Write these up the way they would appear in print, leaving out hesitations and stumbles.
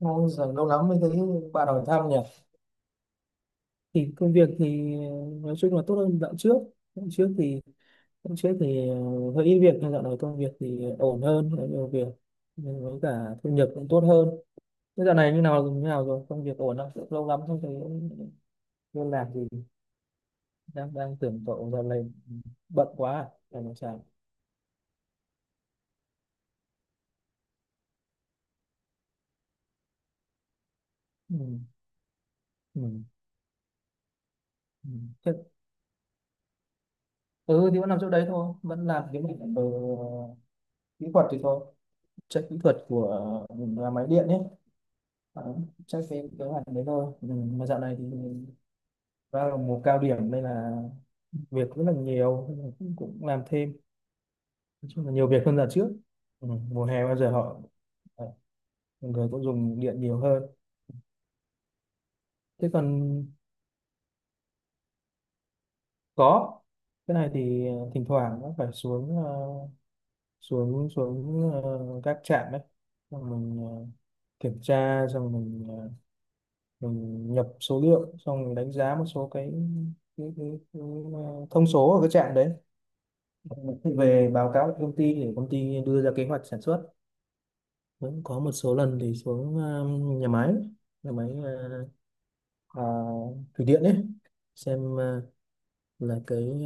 Ôi giời, lâu lắm mới thấy bạn hỏi thăm nhỉ. Thì công việc thì nói chung là tốt hơn dạo trước. Dạo trước thì dạo trước thì hơi ít việc, nhưng dạo này công việc thì ổn hơn, có nhiều việc. Nhưng với cả thu nhập cũng tốt hơn. Thế dạo này như nào rồi? Công việc ổn không? Lâu lắm không thấy liên lạc gì. Đang đang tưởng cậu dạo này bận quá à? Phải làm sao? Ừ. Ừ. Ừ. Thế, ừ thì vẫn làm chỗ đấy thôi, vẫn làm cái mảng ở kỹ thuật thì thôi. Check kỹ thuật của nhà máy điện nhé. Ờ, chắc cái kế hoạch đấy thôi, ừ, mà dạo này thì vào mùa cao điểm nên là việc rất là nhiều, nên là cũng làm thêm, nói chung là nhiều việc hơn là trước. Ừ, mùa hè bao giờ họ ờ, người cũng dùng điện nhiều hơn. Thế còn có cái này thì thỉnh thoảng nó phải xuống xuống xuống các trạm đấy, xong mình kiểm tra, xong mình mình nhập số liệu, xong mình đánh giá một số cái thông số ở cái trạm đấy, về báo cáo cho công ty để công ty đưa ra kế hoạch sản xuất. Cũng có một số lần thì xuống nhà máy à, thủy điện ấy, xem là cái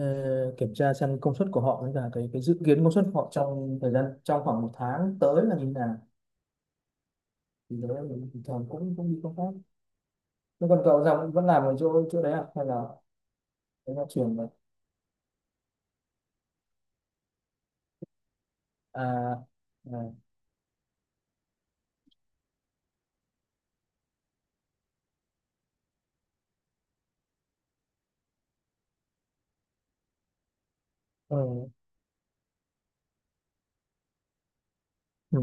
kiểm tra xem công suất của họ, với cả cái dự kiến công suất của họ trong thời gian trong khoảng một tháng tới là như thế nào, thì đấy là mình bình thường cũng cũng đi công tác. Thế còn cậu ra vẫn làm ở chỗ chỗ đấy à, hay là đấy là chuyển rồi? À, à. Ừ. Ừ.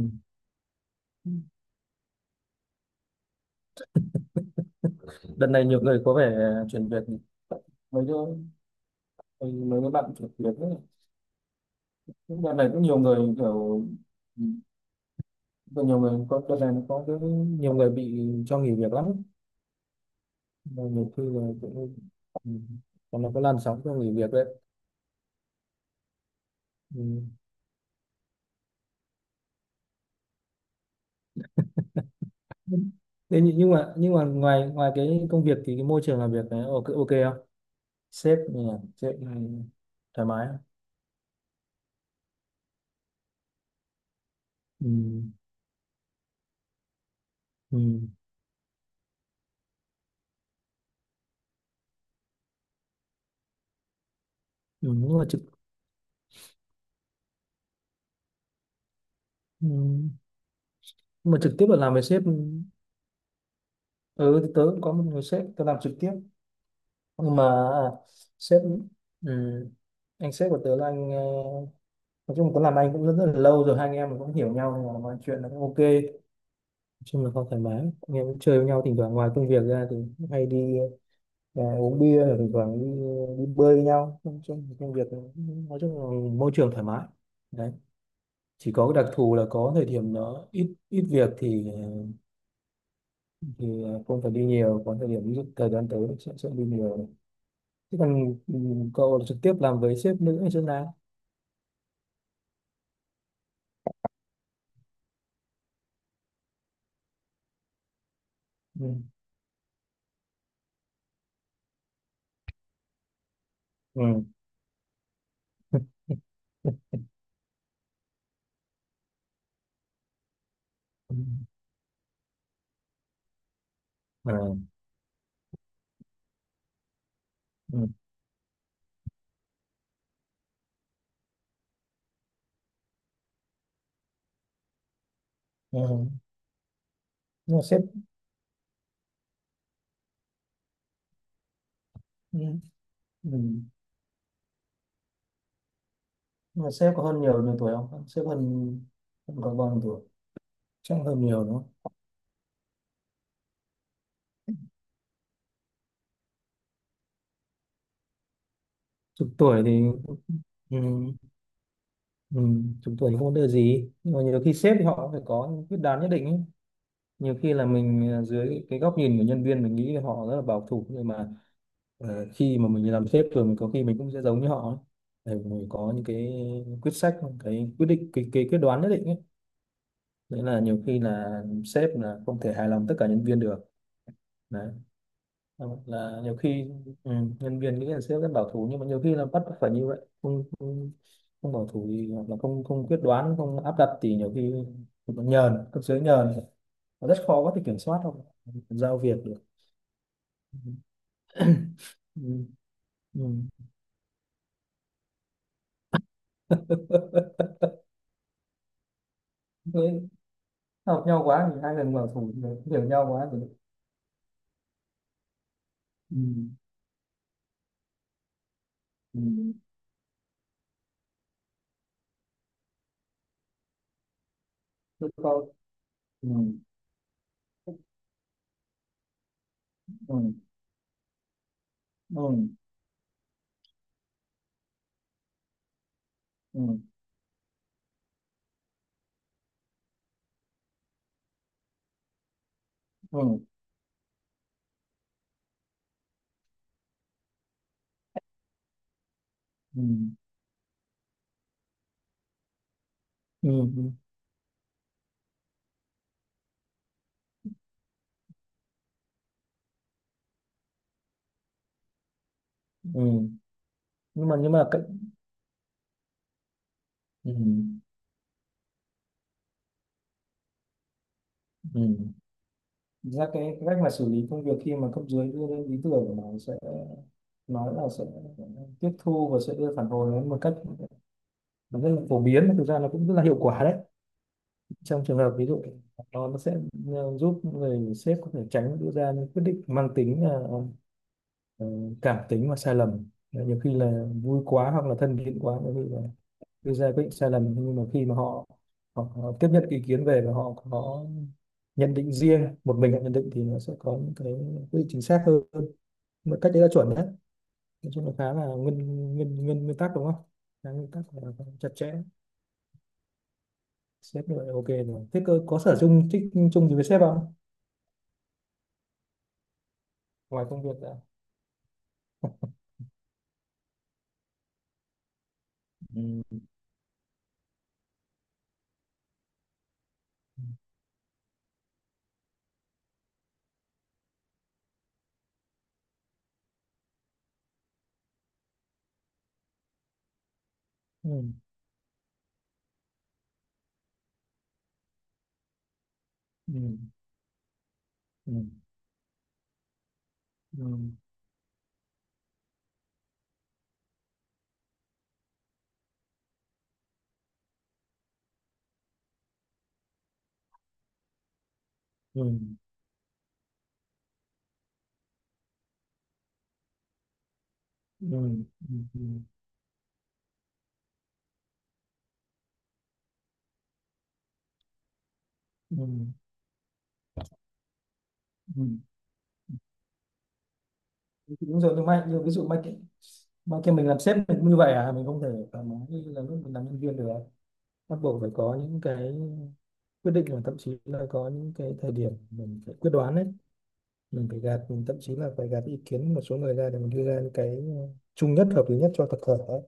Đợt này nhiều người có vẻ chuyển việc mấy chỗ. Ừ, mấy cái bạn thực hiện ấy. Những đợt này cũng nhiều người kiểu có nhiều người có đợt này nó có cái nhiều người bị cho nghỉ việc lắm. Mà nhiều khi là cũng, ừ, còn nó có làn sóng cho nghỉ việc đấy. Ừ. Thế nhưng mà ngoài ngoài cái công việc thì cái môi trường làm việc này ok ok không? Sếp như nào? Sếp thoải mái không? Ừ. Ừ. Ừ. nhưng mà trực Ừ. Nhưng mà trực tiếp là làm với sếp, ừ, thì tớ cũng có một người sếp tớ làm trực tiếp, nhưng mà à, sếp ừ, anh sếp của tớ là anh nói chung tớ làm anh cũng rất, rất là lâu rồi, hai anh em cũng hiểu nhau nên là mọi chuyện là cũng ok, nói chung là không thoải mái, anh em cũng chơi với nhau, thỉnh thoảng ngoài công việc ra thì cũng hay đi uống bia, rồi thỉnh thoảng đi bơi với nhau. Nói chung là công việc, nói chung là môi trường thoải mái đấy, chỉ có cái đặc thù là có thời điểm nó ít ít việc thì không phải đi nhiều, có thời điểm ví dụ thời gian tới sẽ đi nhiều. Thế còn cậu trực tiếp làm với sếp nữ hay sếp nam? Ừ. Ừ. Ừ. Ừ. Ừ. Ừ. Nhưng mà sếp. Ừ. Ừ. Nhưng mà sếp có hơn nhiều nhiều tuổi không? Sếp hơn hơn có bao nhiêu tuổi? Chắc hơn nhiều đúng không? Chục tuổi thì. Ừ. Ừ. Chục tuổi thì không có đưa gì, nhưng mà nhiều khi sếp thì họ phải có những quyết đoán nhất định ấy. Nhiều khi là mình dưới cái góc nhìn của nhân viên mình nghĩ là họ rất là bảo thủ, nhưng mà khi mà mình làm sếp rồi mình có khi mình cũng sẽ giống như họ ấy. Để mình có những cái quyết sách, cái quyết định, cái quyết đoán nhất định ấy. Đấy là nhiều khi là sếp là không thể hài lòng tất cả nhân viên được, đấy là nhiều khi, ừ, nhân viên nghĩ là sếp rất bảo thủ, nhưng mà nhiều khi là bắt phải như vậy. Không, không, không bảo thủ thì, hoặc là không không quyết đoán không áp đặt thì nhiều khi còn nhờn, cấp dưới nhờn, nó rất khó có thể kiểm soát, không giao việc được. Ừ. Ừ. Thế học nhau quá thì hai lần bảo thủ thì hiểu nhau quá rồi. Ừ. Ừ. Tôi coi. Ừ. Ừ. Ừ. Ừ. Ừ. Ừ. Ừ. Ừ, ừ, ừ. Nhưng mà cái, ừ, ừ. Thực ra cái cách mà xử lý công việc khi mà cấp dưới đưa lên ý tưởng của nó sẽ nói là sẽ tiếp thu và sẽ đưa phản hồi đến một cách, nó rất là phổ biến, mà thực ra nó cũng rất là hiệu quả đấy, trong trường hợp ví dụ nó sẽ giúp người sếp có thể tránh đưa ra những quyết định mang tính ờ, cảm tính và sai lầm, nhiều khi là vui quá hoặc là thân thiện quá đưa ra quyết định sai lầm, nhưng mà khi mà họ tiếp nhận cái ý kiến về và họ có nhận định riêng, một mình họ nhận định thì nó sẽ có những cái quyết định chính xác hơn một cách, đấy là chuẩn đấy, nói chung là khá là nguyên nguyên nguyên nguyên tắc đúng không? Khá nguyên tắc là chặt chẽ, sếp như vậy là ok rồi. Thế cơ có sở chung thích chung gì với sếp không, ngoài công việc ra? Ừ. Ừ. Ừ. Ừ. Ừ. Ừ. Ừ. Ừ. Ừ. Ừ. Ừ. Đúng rồi, nhưng mà như ví dụ mai kia mình làm sếp mình cũng như vậy à? Mình không thể thoải mái như là lúc mình làm nhân viên được à? Bắt buộc phải có những cái quyết định và thậm chí là có những cái thời điểm mình phải quyết đoán đấy, mình phải gạt, mình thậm chí là phải gạt ý kiến một số người ra để mình đưa ra những cái ờ, chung nhất, hợp lý nhất cho tập thể ấy.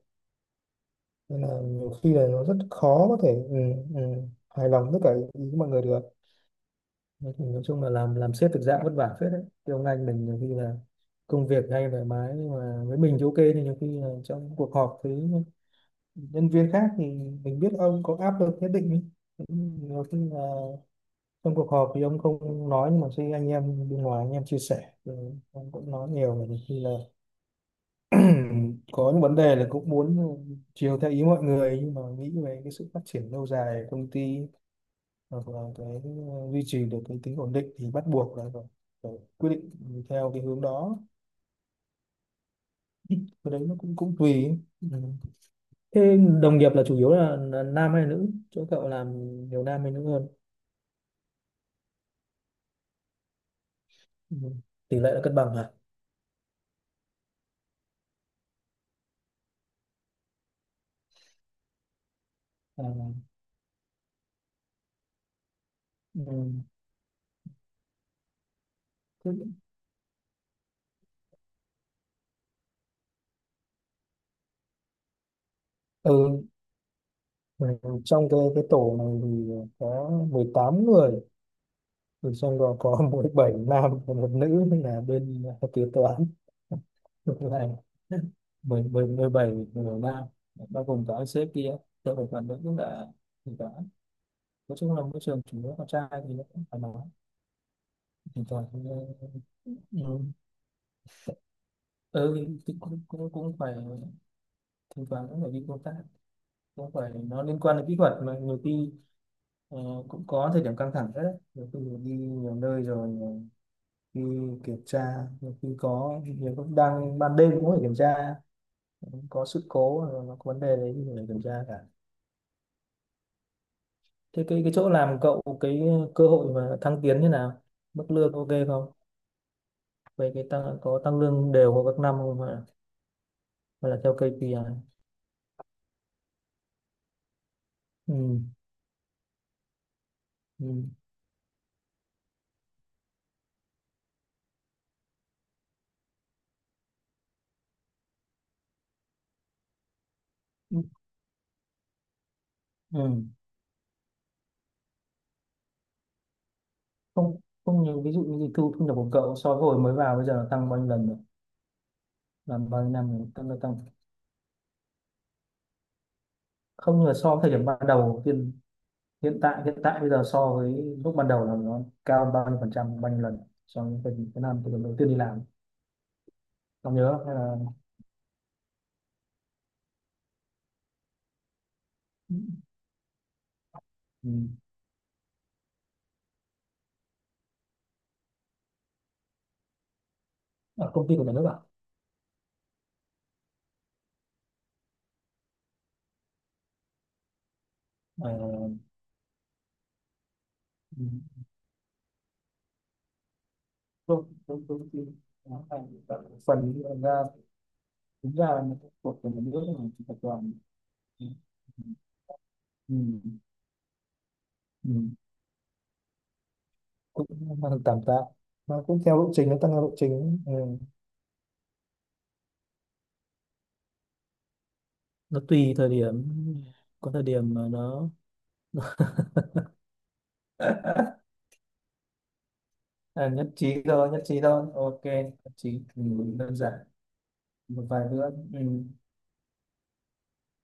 Nên là nhiều khi là nó rất khó có thể, ừ, ừ, hài lòng tất cả ý của mọi người được. Nói thì nói chung là làm sếp thực dạng vất vả phết đấy. Thì ông anh mình nhiều khi là công việc hay thoải mái, nhưng mà với mình thì ok, nhưng nhiều khi là trong cuộc họp với nhân viên khác thì mình biết ông có áp lực nhất định ý. Nhiều khi là trong cuộc họp thì ông không nói, nhưng mà khi anh em bên ngoài, anh em chia sẻ thì ông cũng nói nhiều, mà nhiều khi là có những vấn đề là cũng muốn chiều theo ý mọi người, nhưng mà nghĩ về cái sự phát triển lâu dài của công ty hoặc là cái duy trì được cái tính ổn định thì bắt buộc là phải quyết định theo cái hướng đó. Cái đấy nó cũng cũng tùy. Ừ. Thế đồng nghiệp là chủ yếu là nam hay nữ? Chỗ cậu làm nhiều nam hay nữ hơn? Ừ. Tỷ lệ là cân bằng à? À. Ừ. Thế, ừ, ừ, trong cái tổ này thì có 18 người, rồi trong đó có mỗi bảy nam và một nữ là bên kế toán. Ngược lại, mười mười mười bảy người nam, bao gồm cả ông sếp kia. Tôi phải phản ứng là thì đó, nói chung là môi trường chủ yếu con trai thì nó cũng phải nói thỉnh thoảng thì, ừ, ừ thì cũng, cũng cũng phải, thỉnh thoảng cũng phải đi công tác, cũng phải nó liên quan đến kỹ thuật mà nhiều khi ờ, cũng có thời điểm căng thẳng rất đấy, nhiều khi mình đi nhiều nơi rồi khi kiểm tra, khi có nhiều lúc đang ban đêm cũng phải kiểm tra, có sự cố rồi nó có vấn đề đấy thì phải kiểm tra cả. Thế cái chỗ làm cậu, cái cơ hội mà thăng tiến như nào, mức lương ok không, về cái tăng có tăng lương đều của các năm không, hay là, hay là theo KPI? Ừ. Ừ. Ừ. Ừ. Không không, như ví dụ như thu thu nhập của cậu so với hồi mới vào bây giờ nó tăng bao nhiêu lần rồi, làm bao nhiêu năm rồi, tăng tăng không, là so với thời điểm ban đầu tiên, hiện tại bây giờ so với lúc ban đầu là nó cao hơn bao nhiêu phần trăm, bao nhiêu lần, so với cái năm, cái lần đầu tiên đi làm? Ông nhớ không, hay là? Ừ, ở công ty của nhà nước ạ? À. Ờ. Ừ, công công công ty nó thành các phần ra, đúng ra là một của nhà nước mà tập đoàn. Ừ. Ừ. Ừ, cũng mang được tạm tạ, nó cũng theo lộ trình, nó tăng theo lộ trình ấy. Ừ. Nó tùy thời điểm, có thời điểm mà nó À, nhất trí thôi, nhất trí thôi. Ok, nhất trí. Ừ, đơn giản. Một vài bữa. Ừ.